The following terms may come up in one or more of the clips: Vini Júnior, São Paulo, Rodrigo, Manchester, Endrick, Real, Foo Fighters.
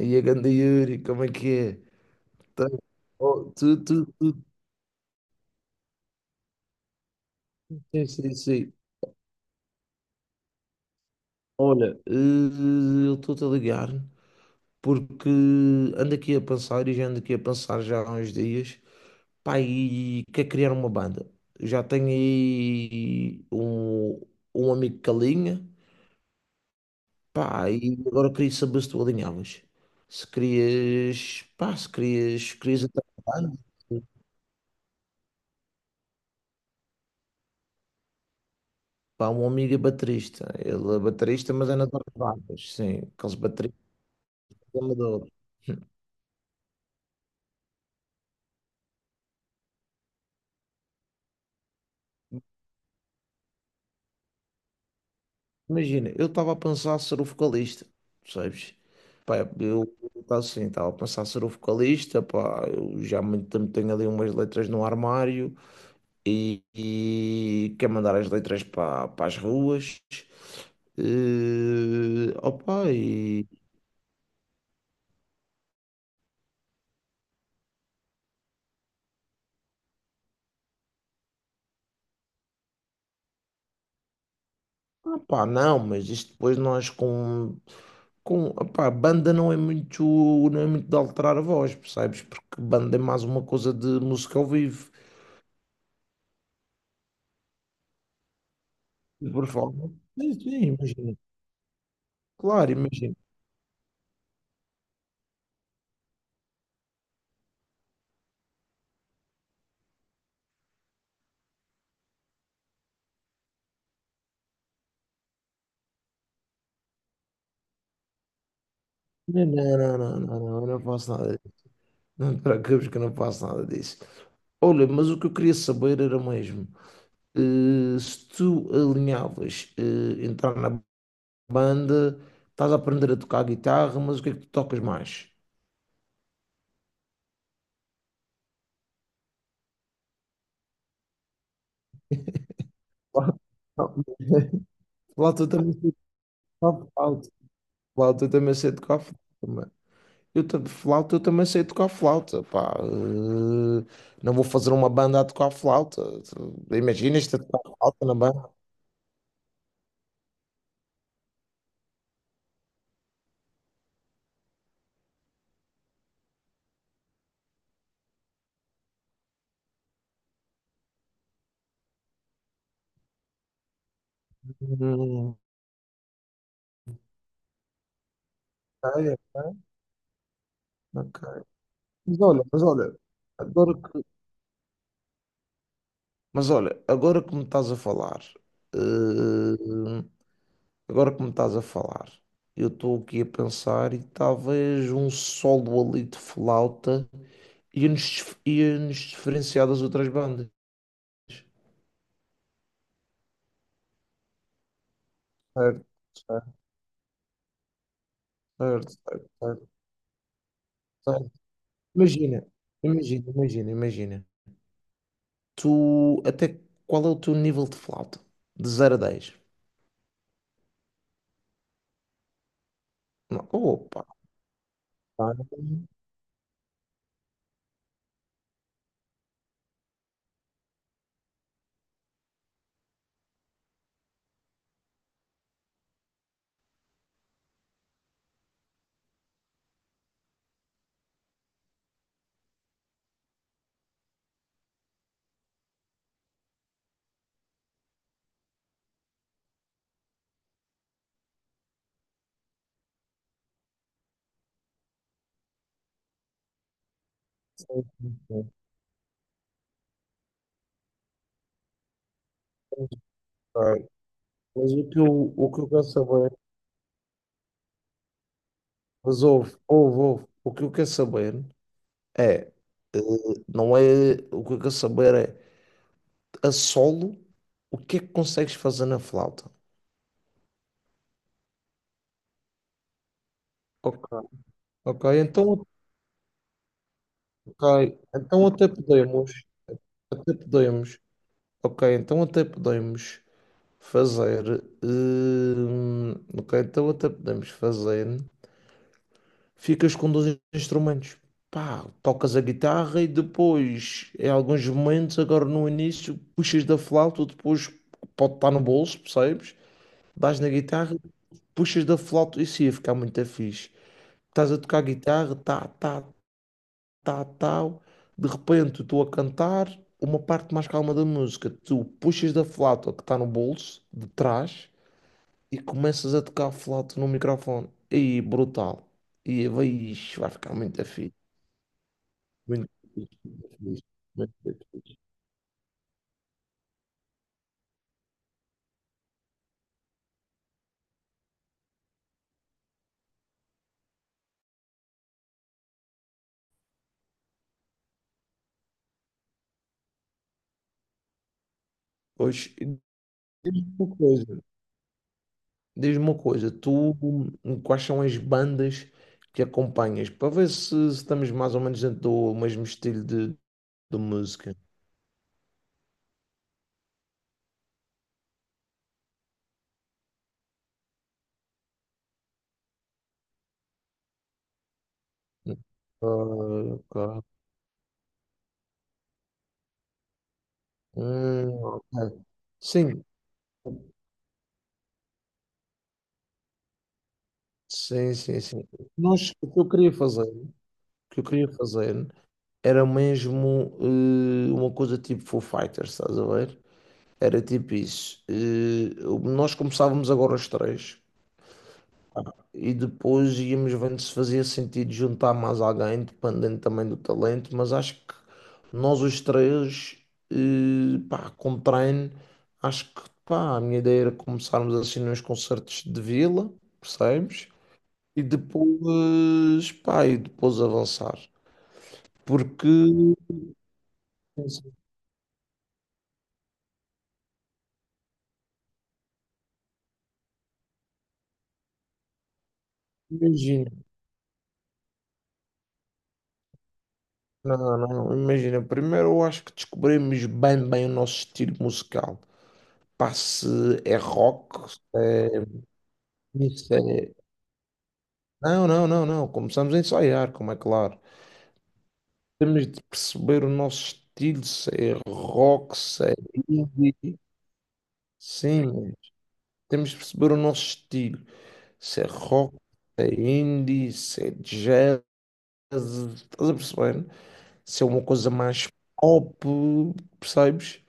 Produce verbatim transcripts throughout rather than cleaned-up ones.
E a ganda Yuri, como é que é? Tá- oh, tu, tu, tu, tu- sim, sim, sim. Olha, eh, eu estou-te a ligar porque ando aqui a pensar e já ando aqui a pensar já há uns dias. Pá, e quer criar uma banda. Já tenho aí um, um amigo que alinha. Pá, e agora queria saber se tu alinhavas. Se querias, pá, se querias, querias entrar na banda. Pá, um amigo é baterista. Ele é baterista, mas é na das bandas. Sim, aqueles bateristas amadores. Imagina, eu estava a pensar ser o vocalista, percebes? Pá, eu estava assim, estava a pensar ser o vocalista, pá, eu já há muito tempo tenho ali umas letras no armário e, e quero mandar as letras para as ruas. Eh, opa, Ah, pá, não, mas isto depois nós com, com, opá, banda não é muito, não é muito de alterar a voz, percebes? Porque banda é mais uma coisa de música ao vivo, de performance. Sim, sim, imagina. Claro, imagina. Não, não, não, não, não, não, eu não faço nada. disso. Não te preocupes que eu não faço nada disso. Olha, mas o que eu queria saber era mesmo, eh, se tu alinhavas, eh, entrar na banda, estás a aprender a tocar guitarra, mas o que é que tu tocas mais? O flauta também sei tocar flauta. Flauta também sei tocar flauta, mano. Eu tam- flauta eu também sei tocar flauta, pá. Eh, Não vou fazer uma banda a tocar flauta. Imaginas-te a tocar flauta na banda? Hum, ok, ok, ok. Mas olha, mas olha, agora que, mas olha, agora que me estás a falar, eh, Agora que me estás a falar, eu estou aqui a pensar e talvez um solo ali de flauta ia-nos dif- ia-nos diferenciar das outras bandas. Certo, certo, certo, certo, certo, certo. Imagina, imagina, imagina, imagina. Tu, até qual é o teu nível de flauta? De zero a dez. Não, opa! Pá, não sei, não sei, não sei. Mas o que eu, o que eu quero saber, mas ouve, ouve, ouve, o que eu quero saber é, eh, não é. O que eu quero saber é, a solo, o que é que consegues fazer na flauta? Ok, ok, então, ok, então até podemos, até podemos, ok, então até podemos fazer, hum, ok, então até podemos fazer, ficas com dois instrumentos, pá, tocas a guitarra e depois, em alguns momentos, agora no início, puxas da flauta, depois pode estar no bolso, percebes? Dás na guitarra puxas da flauta, isso ia ficar muito fixe. Estás a tocar guitarra, tá, tá, tá, tal. De repente, estou a cantar uma parte mais calma da música. Tu puxas da flauta que está no bolso, de trás, e começas a tocar a flauta no microfone. E brutal. E vai, ixi, vai ficar muito fixe. Muito fixe. muito fixe. Pois, e diz-me uma coisa, diz-me uma coisa, tu hum, quais são as bandas que acompanhas para ver se, se estamos mais ou menos dentro do mesmo estilo de, de música. Ah, ok. Hum, ok. Sim, sim, sim, sim. Nós, o que eu queria fazer, o que eu queria fazer era mesmo eh, uma coisa tipo Foo Fighters, estás a ver? Era tipo isso. Eh, nós começávamos agora os três. E depois íamos vendo se fazia sentido juntar mais alguém, dependendo também do talento, mas acho que nós os três, eh, pá, com treino, acho que pá, a minha ideia era começarmos assim nos concertos de vila, percebes? E depois, pá, e depois avançar. Porque, imagina, não, não, imagina, primeiro eu acho que descobrimos bem, bem o nosso estilo musical. Pá, se é rock, se é isso Não, não, não, não. Começamos a ensaiar, como é claro. Temos de perceber o nosso estilo, se é rock, se é indie. Sim, temos de perceber o nosso estilo. Se é rock, se é indie, se é jazz. Estás a perceber? Se é uma coisa mais pop, percebes?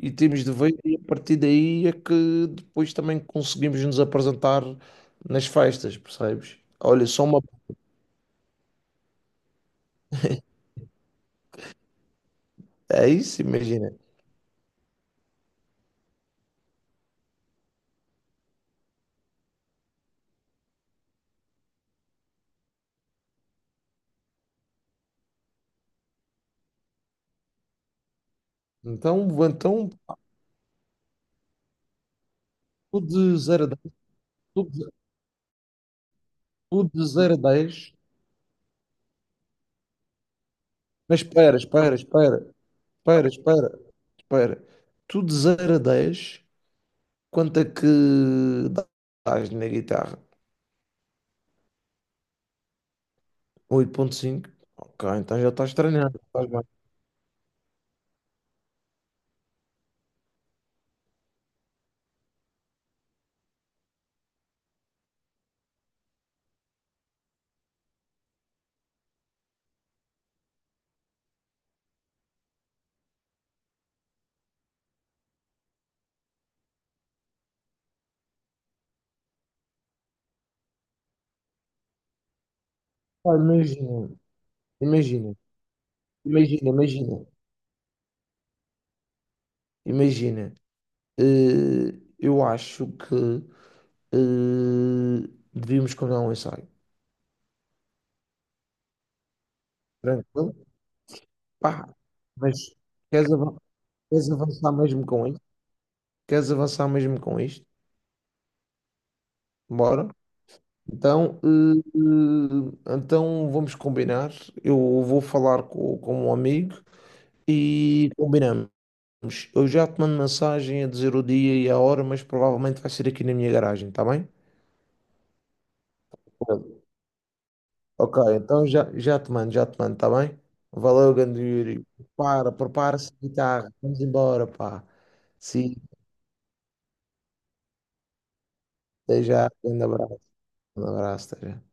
E temos de ver, e a partir daí é que depois também conseguimos nos apresentar nas festas, percebes? Olha, só uma. É isso, imagina. Então, então O de zero a dez O de, o de zero a dez. Mas espera, espera, espera. Espera, espera, espera. Tu de zero a dez, quanto é que dás na guitarra? Oito vírgula cinco. Ok, então já estás treinado. Estás bem. Pá, imagina, imagina, imagina, imagina, imagina. Eh, eu acho que eh, devíamos combinar um ensaio. Tranquilo? Pá, mas queres avan- queres avançar mesmo com Queres avançar mesmo com isto? Bora. Então, eh, eh, então vamos combinar. Eu vou falar com, com um amigo e combinamos. Eu já te mando mensagem a dizer o dia e a hora, mas provavelmente vai ser aqui na minha garagem, tá bem? Ok, então já, já te mando, já te mando, tá bem? Valeu, grande Yuri. Para, prepara-se a guitarra. Vamos embora, pá. Sim, até já. Um abraço, um abraço, até já.